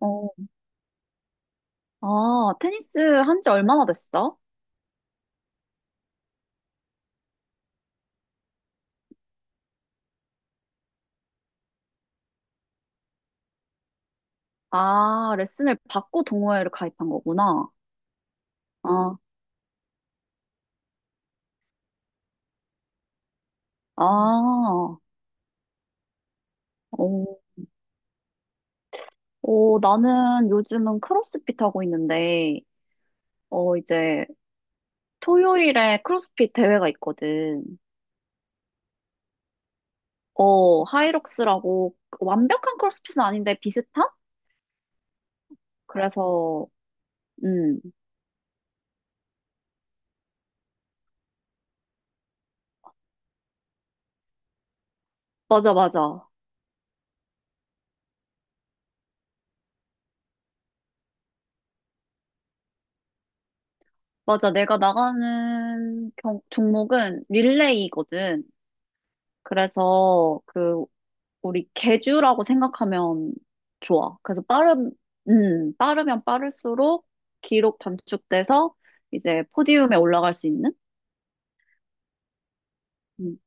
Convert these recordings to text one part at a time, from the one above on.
어, 아, 테니스 한지 얼마나 됐어? 아, 레슨을 받고 동호회를 가입한 거구나. 아, 아, 어, 어, 나는 요즘은 크로스핏 하고 있는데, 어, 이제 토요일에 크로스핏 대회가 있거든. 어, 하이록스라고 완벽한 크로스핏은 아닌데 비슷한? 그래서, 음, 맞아, 맞아. 맞아. 내가 나가는 종목은 릴레이거든. 그래서 그 우리 개주라고 생각하면 좋아. 그래서 빠르면 빠를수록 기록 단축돼서 이제 포디움에 올라갈 수 있는? 음.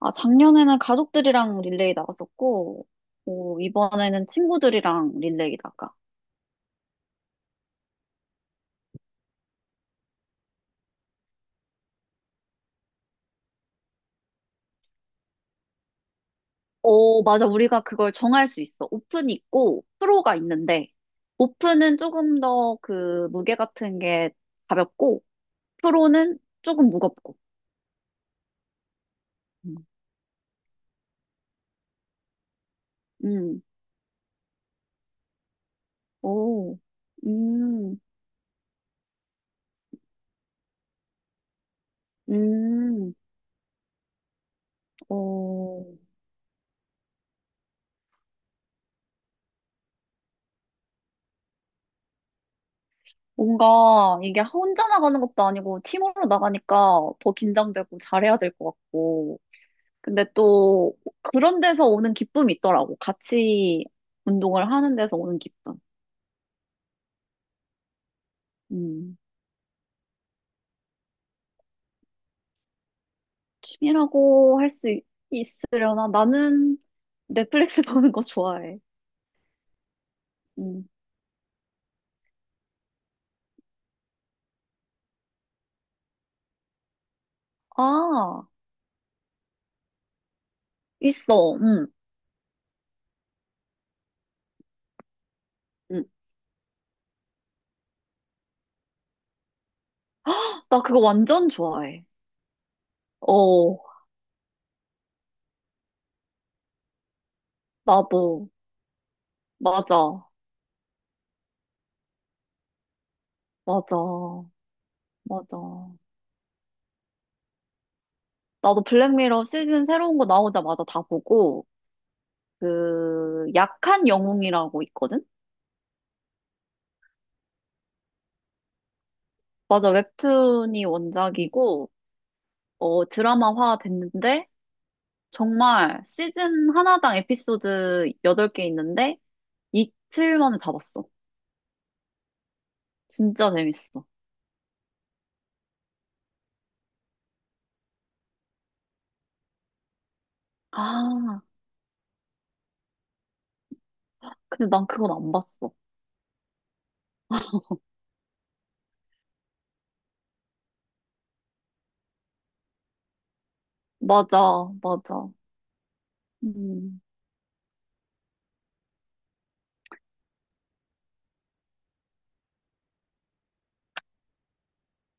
아, 작년에는 가족들이랑 릴레이 나갔었고, 오, 이번에는 친구들이랑 릴레이 나가. 오, 맞아. 우리가 그걸 정할 수 있어. 오픈이 있고, 프로가 있는데, 오픈은 조금 더 그 무게 같은 게 가볍고, 프로는 조금 무겁고. 음, 음. 오, 음. 음, 어, 뭔가 이게 혼자 나가는 것도 아니고 팀으로 나가니까 더 긴장되고 잘해야 될 것 같고. 근데 또 그런 데서 오는 기쁨이 있더라고. 같이 운동을 하는 데서 오는 기쁨. 음, 취미라고 할 수 있으려나? 나는 넷플릭스 보는 거 좋아해. 음. 아, 있어. 음. 음. 나 그거 완전 좋아해. 어, 나도. 맞아. 맞아. 맞아. 나도 블랙미러 시즌 새로운 거 나오자마자 다 보고, 그, 약한 영웅이라고 있거든? 맞아, 웹툰이 원작이고, 어, 드라마화 됐는데, 정말 시즌 하나당 에피소드 8개 있는데, 이틀 만에 다 봤어. 진짜 재밌어. 아, 근데 난 그건 안 봤어. 맞아, 맞아. 음,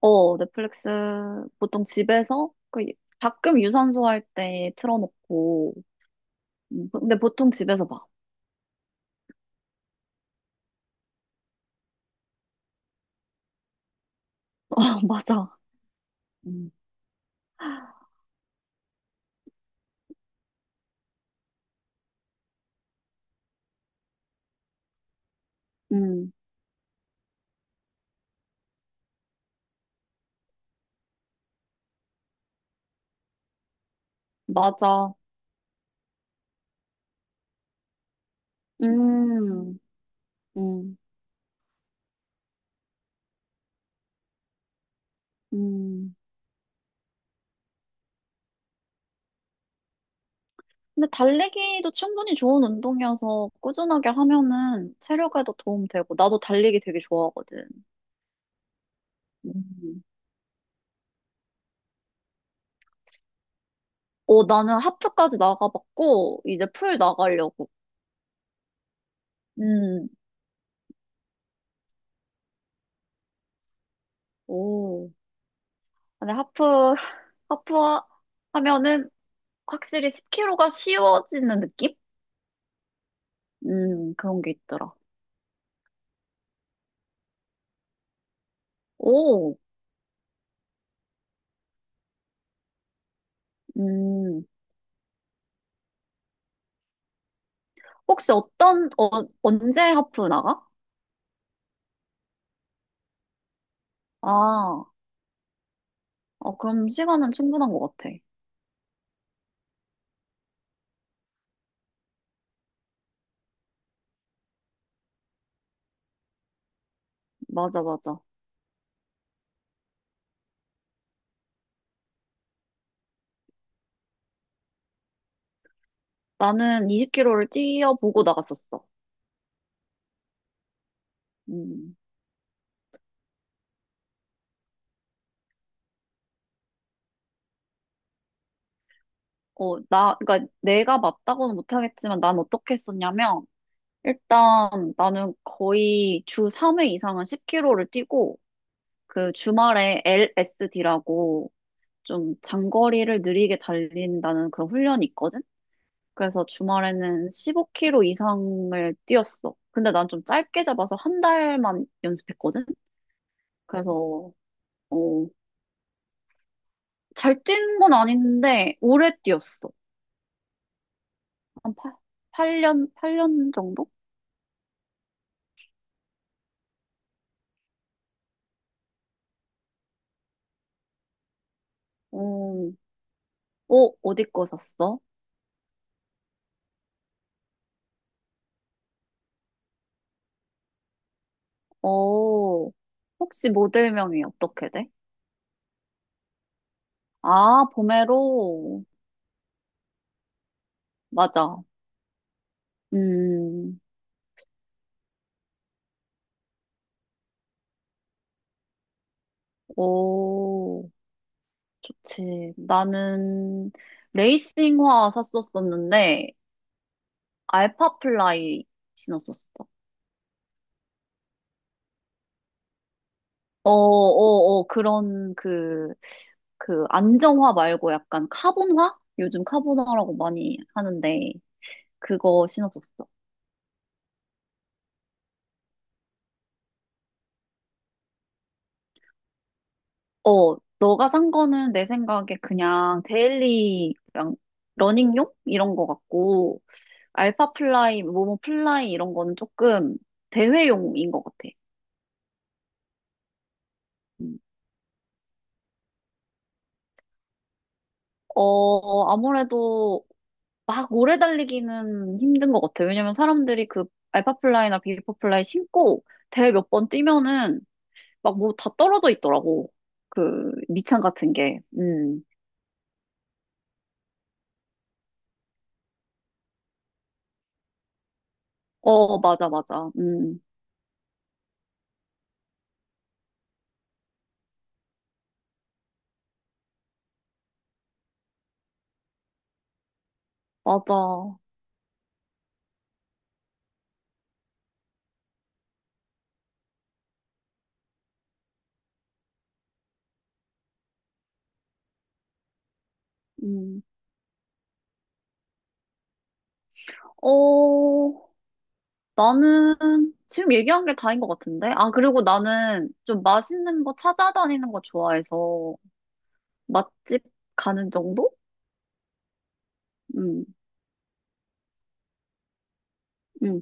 어, 넷플릭스 보통 집에서, 그 가끔 유산소 할 때 틀어놓고, 근데 보통 집에서 봐. 아, 맞아. 음. 음, 맞아. 음, 음, 음. 근데 달리기도 충분히 좋은 운동이어서 꾸준하게 하면은 체력에도 도움 되고, 나도 달리기 되게 좋아하거든. 음. 오, 나는 하프까지 나가봤고, 이제 풀 나가려고. 음, 오. 근데 하프, 하프 하면은 확실히 10kg가 쉬워지는 느낌? 그런 게 있더라. 오, 음. 혹시 언제 하프 나가? 아, 어, 그럼 시간은 충분한 것 같아. 맞아, 맞아. 나는 20km를 뛰어보고 나갔었어. 음. 어, 그러니까 내가 맞다고는 못하겠지만 난 어떻게 했었냐면, 일단 나는 거의 주 3회 이상은 10km를 뛰고, 그 주말에 LSD라고 좀 장거리를 느리게 달린다는 그런 훈련이 있거든? 그래서 주말에는 15km 이상을 뛰었어. 근데 난 좀 짧게 잡아서 한 달만 연습했거든? 그래서, 어, 잘 뛴 건 아닌데, 오래 뛰었어. 한 8, 팔년 8년 정도? 어, 어디 거 샀어? 어, 혹시 모델명이 어떻게 돼? 아, 보메로. 맞아. 음, 오, 좋지. 나는 레이싱화 샀었었는데, 알파플라이 신었었어. 그런 그 안정화 말고 약간 카본화? 요즘 카본화라고 많이 하는데 그거 신었었어. 어, 너가 산 거는 내 생각에 그냥 데일리 그냥 러닝용 이런 거 같고 알파플라이, 모모플라이 이런 거는 조금 대회용인 것 같아. 음. 어, 아무래도 막 오래 달리기는 힘든 것 같아요. 왜냐면 사람들이 그 알파플라이나 비리포플라이 신고 대회 몇 번 뛰면은 막 뭐 다 떨어져 있더라고. 그 밑창 같은 게. 음. 어, 맞아, 맞아. 음. 맞아. 음. 어, 나는 지금 얘기한 게 다인 것 같은데? 아, 그리고 나는 좀 맛있는 거 찾아다니는 거 좋아해서 맛집 가는 정도? 음, 음,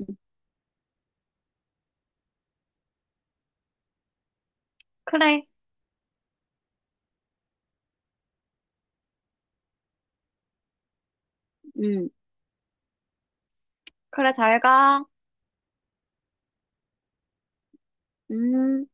음. 그래. 음. 그래, 잘 가. 음.